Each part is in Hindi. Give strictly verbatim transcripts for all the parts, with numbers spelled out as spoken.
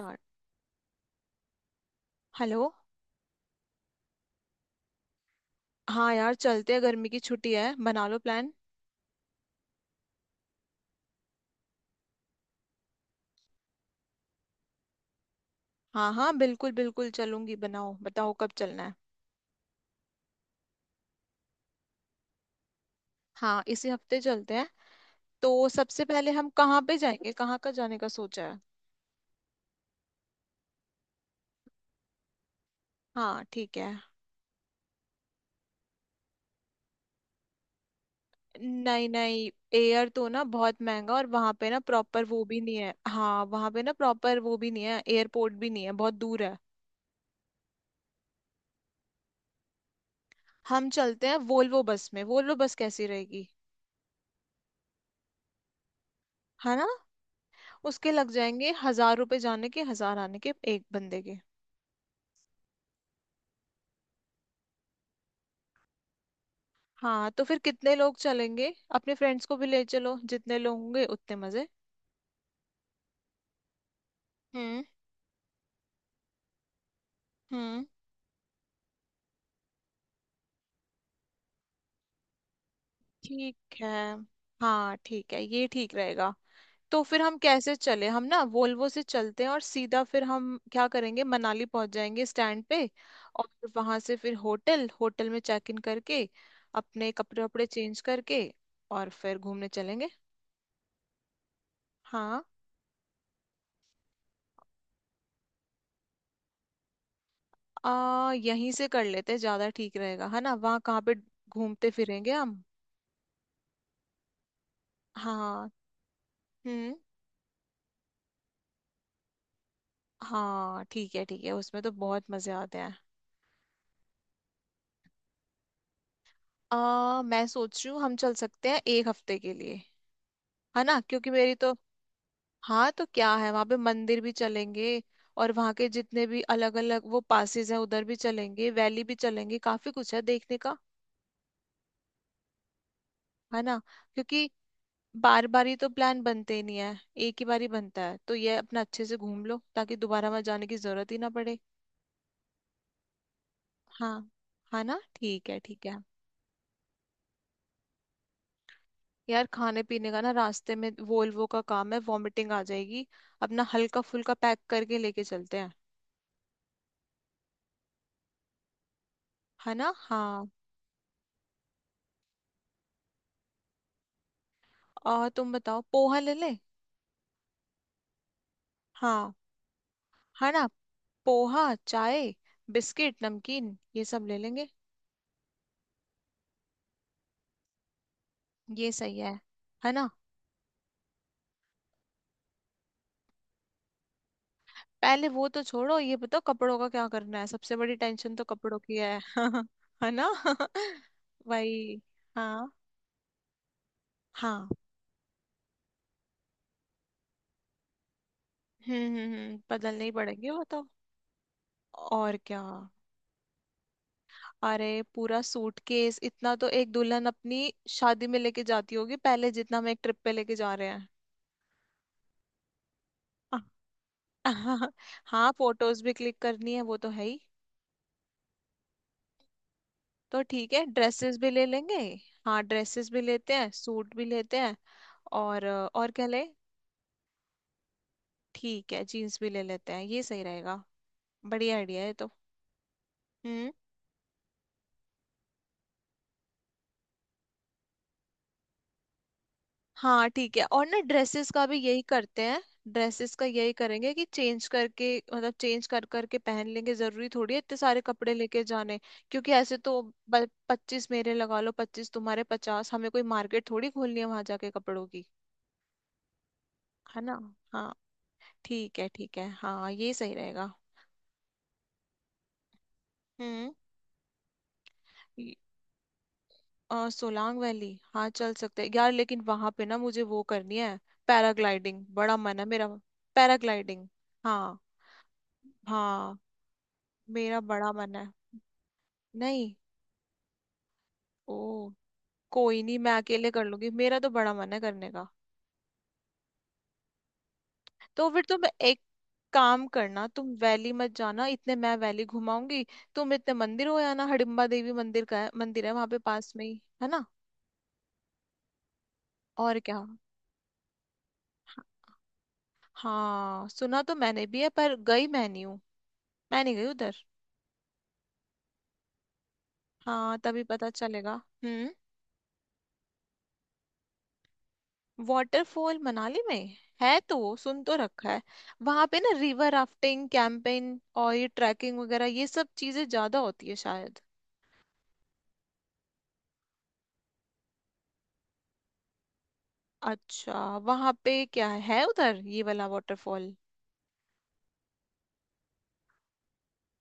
यार। हेलो। हाँ यार, चलते हैं। गर्मी की छुट्टी है, बना लो प्लान। हाँ हाँ, बिल्कुल बिल्कुल चलूंगी। बनाओ, बताओ कब चलना है। हाँ, इसी हफ्ते चलते हैं। तो सबसे पहले हम कहाँ पे जाएंगे? कहाँ का जाने का सोचा है? हाँ ठीक है। नहीं नहीं, एयर तो ना बहुत महंगा, और वहाँ पे ना प्रॉपर वो भी नहीं है। हाँ, वहाँ पे ना प्रॉपर वो भी नहीं है, एयरपोर्ट भी नहीं है, बहुत दूर है। हम चलते हैं वोल्वो बस में। वोल्वो बस कैसी रहेगी? है ना। उसके लग जाएंगे हजार रुपए जाने के, हजार आने के, एक बंदे के। हाँ, तो फिर कितने लोग चलेंगे? अपने फ्रेंड्स को भी ले चलो, जितने लोग होंगे उतने मजे। हम्म। हम्म। ठीक है। हाँ ठीक है, ये ठीक रहेगा। तो फिर हम कैसे चले? हम ना वोल्वो से चलते हैं, और सीधा फिर हम क्या करेंगे, मनाली पहुंच जाएंगे स्टैंड पे। और वहां से फिर होटल होटल में चेक इन करके, अपने कपड़े वपड़े चेंज करके, और फिर घूमने चलेंगे। हाँ। आ, यहीं से कर लेते हैं, ज्यादा ठीक रहेगा, है ना। वहाँ कहाँ पे घूमते फिरेंगे हम। हाँ। हम्म। हाँ ठीक है ठीक है, उसमें तो बहुत मजे आते हैं। आ, मैं सोच रही हूँ हम चल सकते हैं एक हफ्ते के लिए, है ना, क्योंकि मेरी तो। हाँ तो क्या है, वहां पे मंदिर भी चलेंगे, और वहां के जितने भी अलग अलग वो पासेज हैं उधर भी चलेंगे, वैली भी चलेंगे, काफी कुछ है देखने का। है ना। क्योंकि बार बार ही तो प्लान बनते ही नहीं है, एक ही बार ही बनता है। तो ये अपना अच्छे से घूम लो, ताकि दोबारा वहां जाने की जरूरत ही ना पड़े। हाँ है ना, ठीक है ठीक है। यार, खाने पीने का ना रास्ते में, वोल्वो का काम है, वॉमिटिंग आ जाएगी। अपना हल्का फुल्का पैक करके लेके चलते हैं, है ना। हाँ। और तुम बताओ, पोहा ले ले। हाँ। है ना। पोहा, चाय, बिस्किट, नमकीन, ये सब ले लेंगे। ये सही है। है ना। पहले वो तो छोड़ो, ये बताओ कपड़ों का क्या करना है, सबसे बड़ी टेंशन तो कपड़ों की है। है ना। वही। हाँ। हाँ। हम्म हम्म हम्म, बदलने ही पड़ेंगे वो तो। और क्या। अरे पूरा सूटकेस, इतना तो एक दुल्हन अपनी शादी में लेके जाती होगी पहले, जितना हम एक ट्रिप पे लेके जा रहे हैं। अ- हाँ, फोटोज भी क्लिक करनी है, वो तो है ही। तो ठीक है, ड्रेसेस भी ले लेंगे। हाँ, ड्रेसेस भी लेते हैं, सूट भी लेते हैं। और और क्या ले। ठीक है, जीन्स भी ले लेते हैं, ये सही रहेगा। बढ़िया आइडिया है ये तो। हम्म। हाँ ठीक है, और ना ड्रेसेस का भी यही करते हैं। ड्रेसेस का यही करेंगे कि चेंज करके, मतलब चेंज कर करके पहन लेंगे, जरूरी थोड़ी है इतने सारे कपड़े लेके जाने। क्योंकि ऐसे तो पच्चीस मेरे लगा लो, पच्चीस तुम्हारे, पचास, हमें कोई मार्केट थोड़ी खोलनी है वहां जाके कपड़ों की। है ना। हाँ ठीक है ठीक है, हाँ ये सही रहेगा। हम्म। ये- अ, सोलांग वैली। हाँ चल सकते हैं यार, लेकिन वहां पे ना मुझे वो करनी है, पैराग्लाइडिंग। बड़ा मन है मेरा। पैराग्लाइडिंग। हाँ। हाँ, मेरा बड़ा मन है। नहीं। ओ। कोई नहीं, मैं अकेले कर लूंगी, मेरा तो बड़ा मन है करने का। तो फिर तुम एक काम करना, तुम वैली मत जाना, इतने मैं वैली घुमाऊंगी। तुम इतने मंदिर हो आना, हडिम्बा देवी मंदिर का है, मंदिर है वहां पे पास में ही, है ना। और क्या। हाँ, सुना तो मैंने भी है, पर गई मैं नहीं हूँ, मैं नहीं गई उधर। हाँ तभी पता चलेगा। हम्म। वाटरफॉल मनाली में है तो सुन तो रखा है। वहां पे ना रिवर राफ्टिंग, कैंपिंग और ये ट्रैकिंग वगैरह, ये सब चीजें ज्यादा होती है शायद। अच्छा। वहां पे क्या है उधर, ये वाला वाटरफॉल?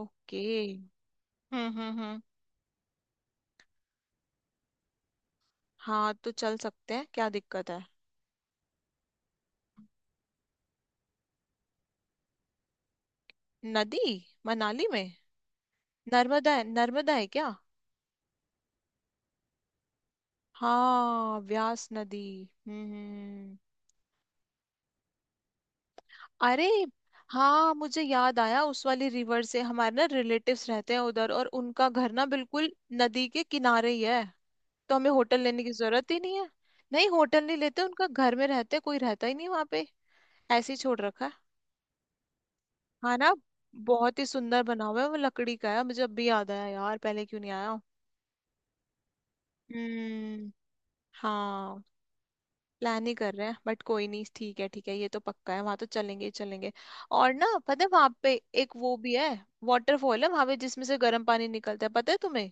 ओके। हम्म हम्म हम्म। हाँ तो चल सकते हैं, क्या दिक्कत है। नदी? मनाली में? नर्मदा है, नर्मदा है क्या? हाँ, व्यास नदी। हम्म हम्म, हम्म। अरे हाँ, मुझे याद आया, उस वाली रिवर से हमारे ना रिलेटिव्स रहते हैं उधर, और उनका घर ना बिल्कुल नदी के किनारे ही है। तो हमें होटल लेने की जरूरत ही नहीं है। नहीं होटल नहीं लेते, उनका घर में रहते हैं, कोई रहता ही नहीं वहां पे, ऐसे ही छोड़ रखा है। हाँ ना। बहुत ही सुंदर बना हुआ है, वो लकड़ी का है। मुझे अब भी याद आया यार, पहले क्यों नहीं आया। हम्म। हाँ। प्लान ही कर रहे हैं, बट कोई नहीं, ठीक है ठीक है, ये तो पक्का है, वहां तो चलेंगे ही चलेंगे। और ना पता है वहां पे एक वो भी है, वाटरफॉल है वहां पे जिसमें से गर्म पानी निकलता है, पता है तुम्हें?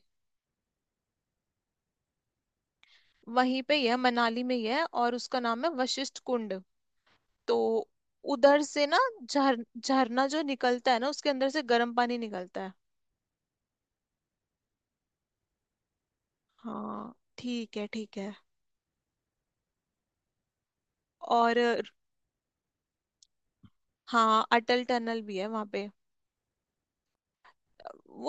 वहीं पे ही है, मनाली में ही है, और उसका नाम है वशिष्ठ कुंड। तो उधर से ना झर झरना जो निकलता है ना, उसके अंदर से गर्म पानी निकलता है। हाँ ठीक है ठीक है। और हाँ, अटल टनल भी है वहां पे।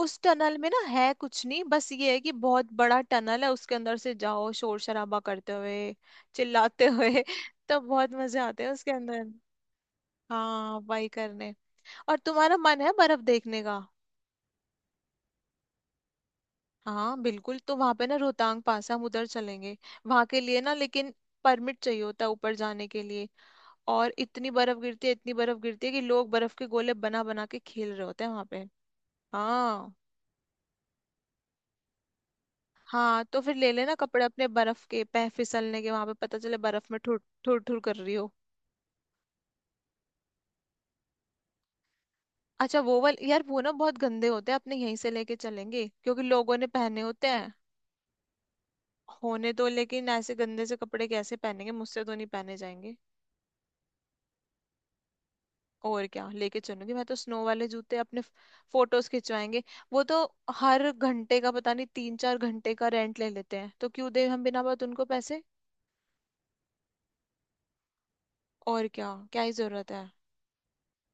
उस टनल में ना है कुछ नहीं, बस ये है कि बहुत बड़ा टनल है, उसके अंदर से जाओ, शोर शराबा करते हुए, चिल्लाते हुए तब बहुत मजे आते हैं उसके अंदर। हाँ, वही करने। और तुम्हारा मन है बर्फ देखने का? हाँ बिल्कुल, तो वहां पे ना रोहतांग पास है, हम उधर चलेंगे। वहां के लिए ना लेकिन परमिट चाहिए होता है ऊपर जाने के लिए। और इतनी बर्फ गिरती है, इतनी बर्फ गिरती है कि लोग बर्फ के गोले बना बना के खेल रहे होते हैं वहां पे। हाँ। हाँ तो फिर ले लेना कपड़े अपने बर्फ के पह फिसलने के, वहां पे पता चले बर्फ में ठुर ठुर ठुर कर रही हो। अच्छा वो वाले यार, वो ना बहुत गंदे होते हैं, अपने यहीं से लेके चलेंगे, क्योंकि लोगों ने पहने होते हैं। होने तो, लेकिन ऐसे गंदे से कपड़े कैसे पहनेंगे, मुझसे तो नहीं पहने जाएंगे। और क्या लेके चलूंगी मैं, तो स्नो वाले जूते अपने, फोटोज खिंचवाएंगे वो तो। हर घंटे का पता नहीं, तीन चार घंटे का रेंट ले लेते हैं, तो क्यों दे हम बिना बात उनको पैसे। और क्या क्या ही जरूरत है।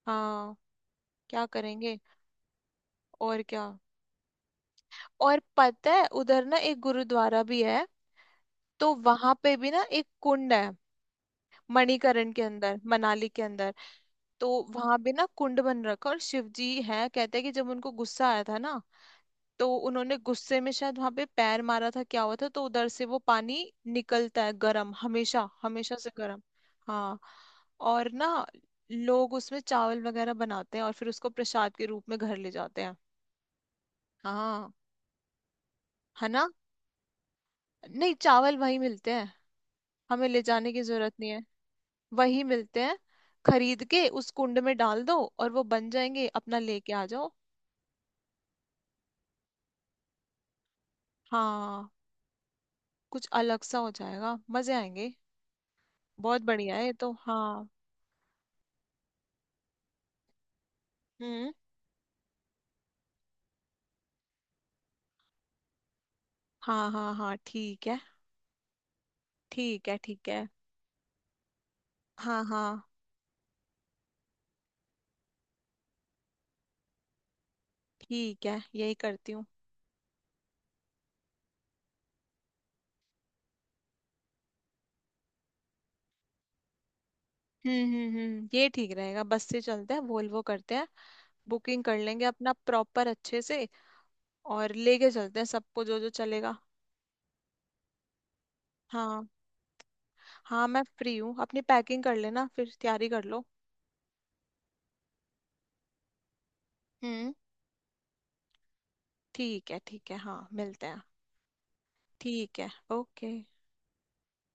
हाँ। क्या करेंगे। और क्या। और पता है उधर ना एक गुरुद्वारा भी है, तो वहां पे भी ना एक कुंड है। मणिकरण के अंदर, मनाली के अंदर। तो वहां भी ना कुंड बन रखा है, और शिव जी है, कहते हैं कि जब उनको गुस्सा आया था ना, तो उन्होंने गुस्से में शायद वहां पे पैर मारा था क्या हुआ था, तो उधर से वो पानी निकलता है, गर्म, हमेशा हमेशा से गर्म। हाँ। और ना लोग उसमें चावल वगैरह बनाते हैं, और फिर उसको प्रसाद के रूप में घर ले जाते हैं। हाँ। है ना। नहीं, चावल वही मिलते हैं, हमें ले जाने की जरूरत नहीं है। वही मिलते हैं, खरीद के उस कुंड में डाल दो और वो बन जाएंगे, अपना लेके आ जाओ। हाँ। कुछ अलग सा हो जाएगा, मजे आएंगे। बहुत बढ़िया है ये तो, हाँ। हम्म। हाँ हाँ हाँ ठीक है, ठीक है ठीक है। हाँ हाँ ठीक है, यही करती हूँ। हम्म हम्म हम्म, ये ठीक रहेगा, बस से चलते हैं, वोल्वो करते हैं, बुकिंग कर लेंगे अपना प्रॉपर अच्छे से। और लेके चलते हैं सबको, जो जो चलेगा। हाँ। हाँ मैं फ्री हूँ, अपनी पैकिंग कर लेना, फिर तैयारी कर लो। हम्म। ठीक है ठीक है, हाँ मिलते हैं। ठीक है। ओके।